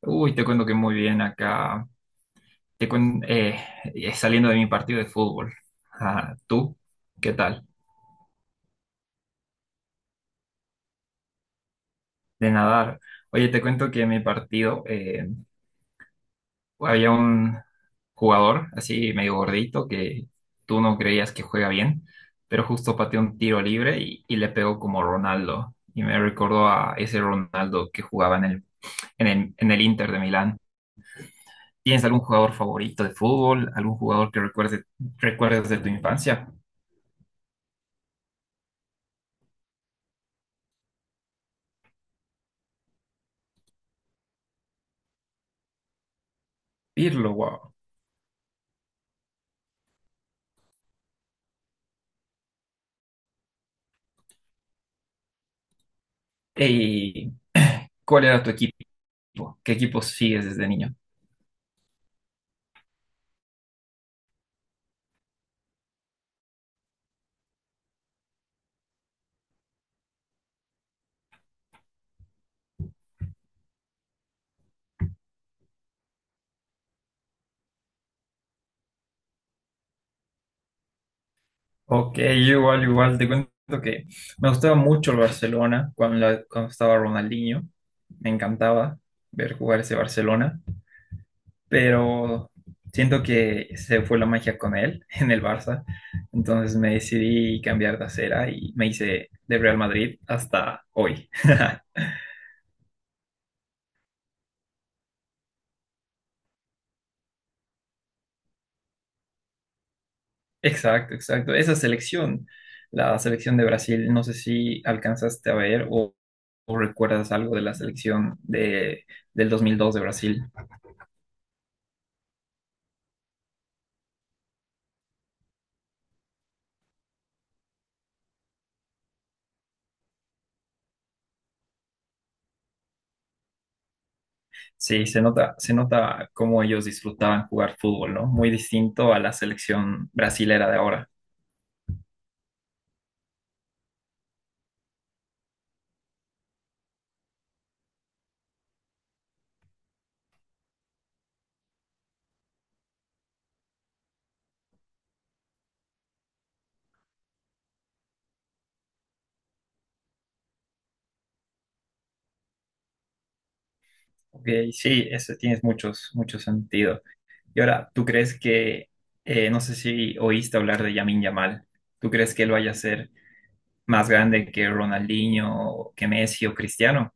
Uy, te cuento que muy bien acá. Te cuen- eh, Saliendo de mi partido de fútbol. Ah, ¿tú? ¿Qué tal? De nadar. Oye, te cuento que en mi partido había un jugador así medio gordito que tú no creías que juega bien, pero justo pateó un tiro libre y le pegó como Ronaldo. Y me recordó a ese Ronaldo que jugaba en el Inter de Milán. ¿Tienes algún jugador favorito de fútbol? ¿Algún jugador que recuerdes de tu infancia? Pirlo, wow. ¿Y ¿Cuál era tu equipo? ¿Qué equipo sigues desde niño? Ok, igual, te cuento que me gustaba mucho el Barcelona cuando estaba Ronaldinho. Me encantaba ver jugar ese Barcelona, pero siento que se fue la magia con él en el Barça. Entonces me decidí cambiar de acera y me hice de Real Madrid hasta hoy. Exacto. La selección de Brasil, no sé si alcanzaste a o recuerdas algo de del 2002 de Brasil. Sí, se nota cómo ellos disfrutaban jugar fútbol, ¿no? Muy distinto a la selección brasilera de ahora. Ok, sí, eso tienes mucho sentido. Y ahora, no sé si oíste hablar de Yamin Yamal, ¿tú crees que él vaya a ser más grande que Ronaldinho, que Messi o Cristiano?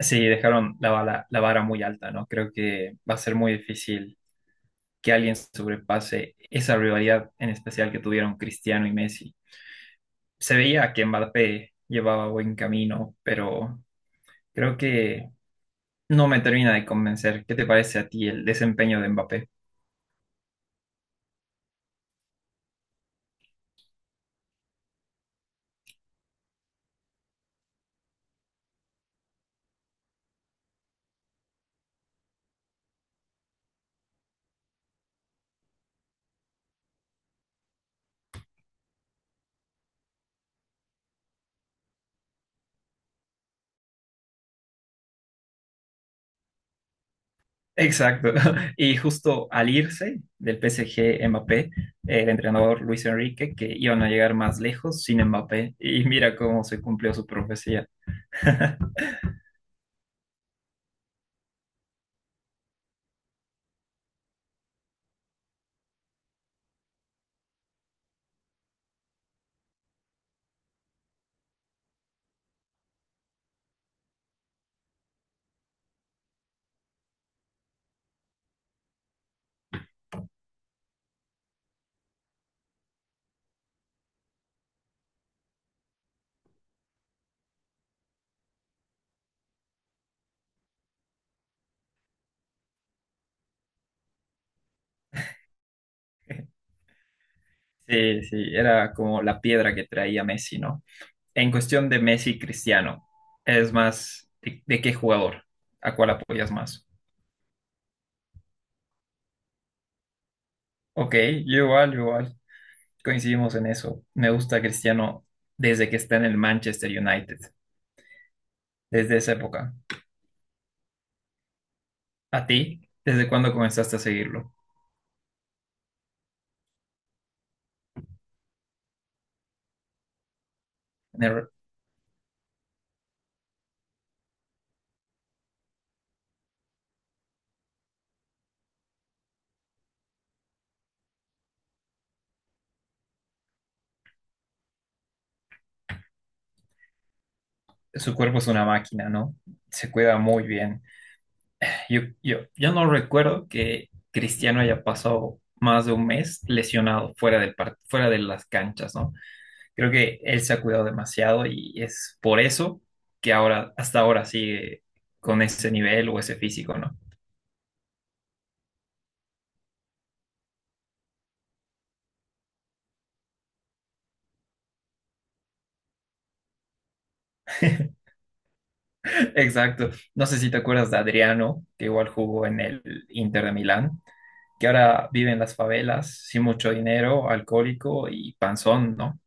Sí, la vara muy alta, ¿no? Creo que va a ser muy difícil que alguien sobrepase esa rivalidad en especial que tuvieron Cristiano y Messi. Se veía que Mbappé llevaba buen camino, pero creo que no me termina de convencer. ¿Qué te parece a ti el desempeño de Mbappé? Exacto. Y justo al irse del PSG Mbappé, el entrenador Luis Enrique, que iban a llegar más lejos sin Mbappé, y mira cómo se cumplió su profecía. Sí, sí, era como la piedra que traía Messi, ¿no? En cuestión de Messi y Cristiano, es más, ¿de qué jugador? ¿A cuál apoyas más? Ok, yo igual, coincidimos en eso. Me gusta Cristiano desde que está en el Manchester United, desde esa época. ¿A ti? ¿Desde cuándo comenzaste a seguirlo? En el- Su cuerpo es una máquina, ¿no? Se cuida muy bien. Yo no recuerdo que Cristiano haya pasado más de un mes lesionado fuera de las canchas, ¿no? Creo que él se ha cuidado demasiado y es por eso que hasta ahora sigue con ese nivel o ese físico, ¿no? Exacto. No sé si te acuerdas de Adriano, que igual jugó en el Inter de Milán, que ahora vive en las favelas, sin mucho dinero, alcohólico y panzón, ¿no?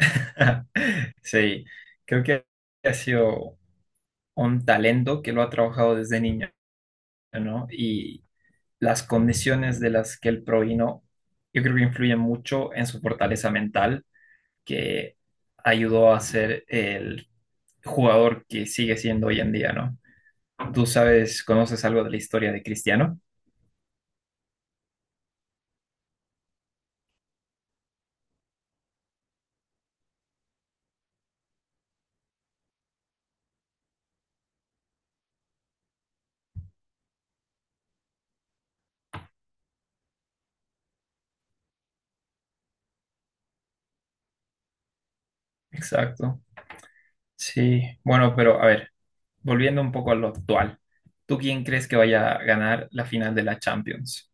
Sí, creo que ha sido un talento que lo ha trabajado desde niño, ¿no? Y las condiciones de las que él provino, yo creo que influyen mucho en su fortaleza mental, que ayudó a ser el jugador que sigue siendo hoy en día, ¿no? Tú sabes, conoces algo de la historia de Cristiano. Exacto. Sí, bueno, pero a ver, volviendo un poco a lo actual, ¿tú quién crees que vaya a ganar la final de la Champions?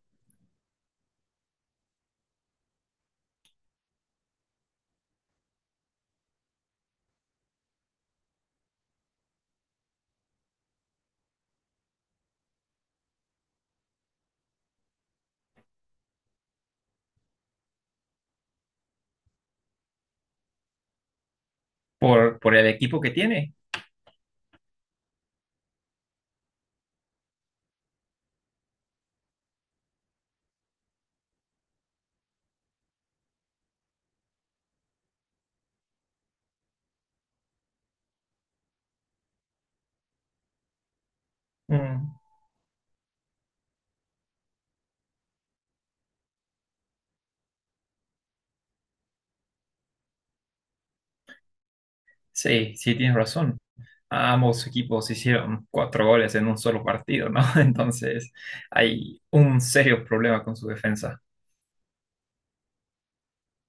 ¿Por el equipo que tiene? Mm. Sí, sí, tienes razón. Ambos equipos hicieron cuatro goles en un solo partido, ¿no? Entonces hay un serio problema con su defensa.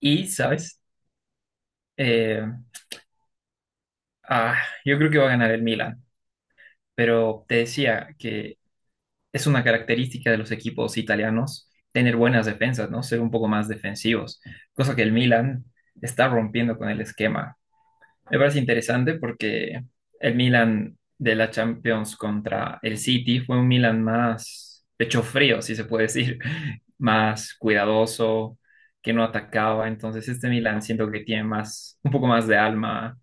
Y, ¿sabes? Eh, ah, yo creo que va a ganar el Milan, pero te decía que es una característica de los equipos italianos tener buenas defensas, ¿no? Ser un poco más defensivos, cosa que el Milan está rompiendo con el esquema. Me parece interesante porque el Milan de la Champions contra el City fue un Milan más pecho frío, si se puede decir, más cuidadoso, que no atacaba. Entonces este Milan siento que tiene más, un poco más de alma,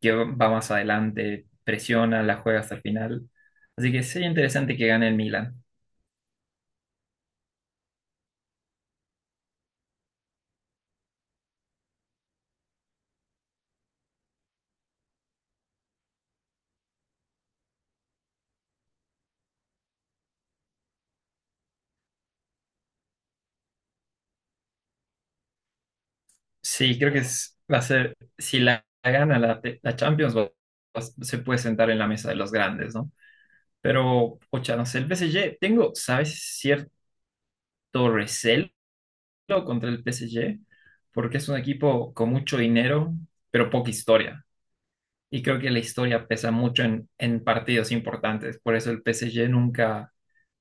que va más adelante, presiona, la juega hasta el final. Así que sería interesante que gane el Milan. Sí, creo que va a ser, si la gana la Champions, se puede sentar en la mesa de los grandes, ¿no? Pero, ocha, no sé, el PSG, tengo, ¿sabes? Cierto recelo contra el PSG, porque es un equipo con mucho dinero, pero poca historia. Y creo que la historia pesa mucho en partidos importantes. Por eso el PSG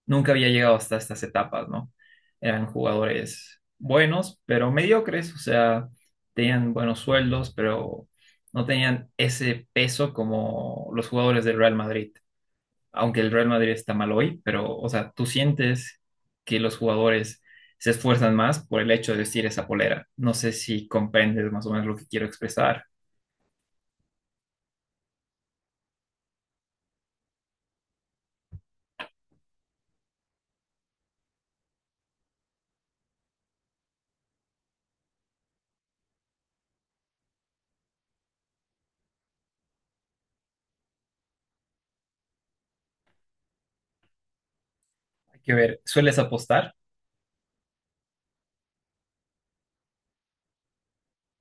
nunca había llegado hasta estas etapas, ¿no? Eran jugadores buenos, pero mediocres, o sea, tenían buenos sueldos, pero no tenían ese peso como los jugadores del Real Madrid aunque el Real Madrid está mal hoy, pero, o sea, tú sientes que los jugadores se esfuerzan más por el hecho de vestir esa polera. No sé si comprendes más o menos lo que quiero expresar. Hay que ver, ¿sueles apostar?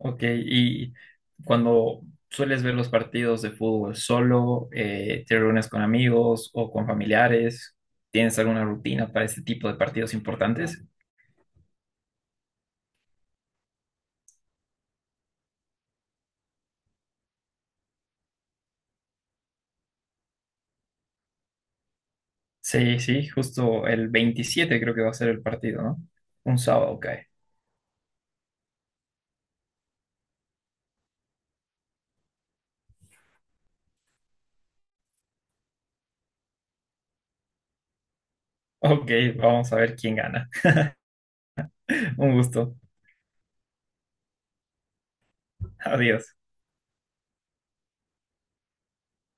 Ok, y cuando sueles ver los partidos de fútbol solo, te reúnes con amigos o con familiares, ¿tienes alguna rutina para este tipo de partidos importantes? Sí, sí, justo el 27 creo que va a ser el partido, ¿no? Un sábado, ok. Ok, vamos a ver quién gana. Un gusto. Adiós.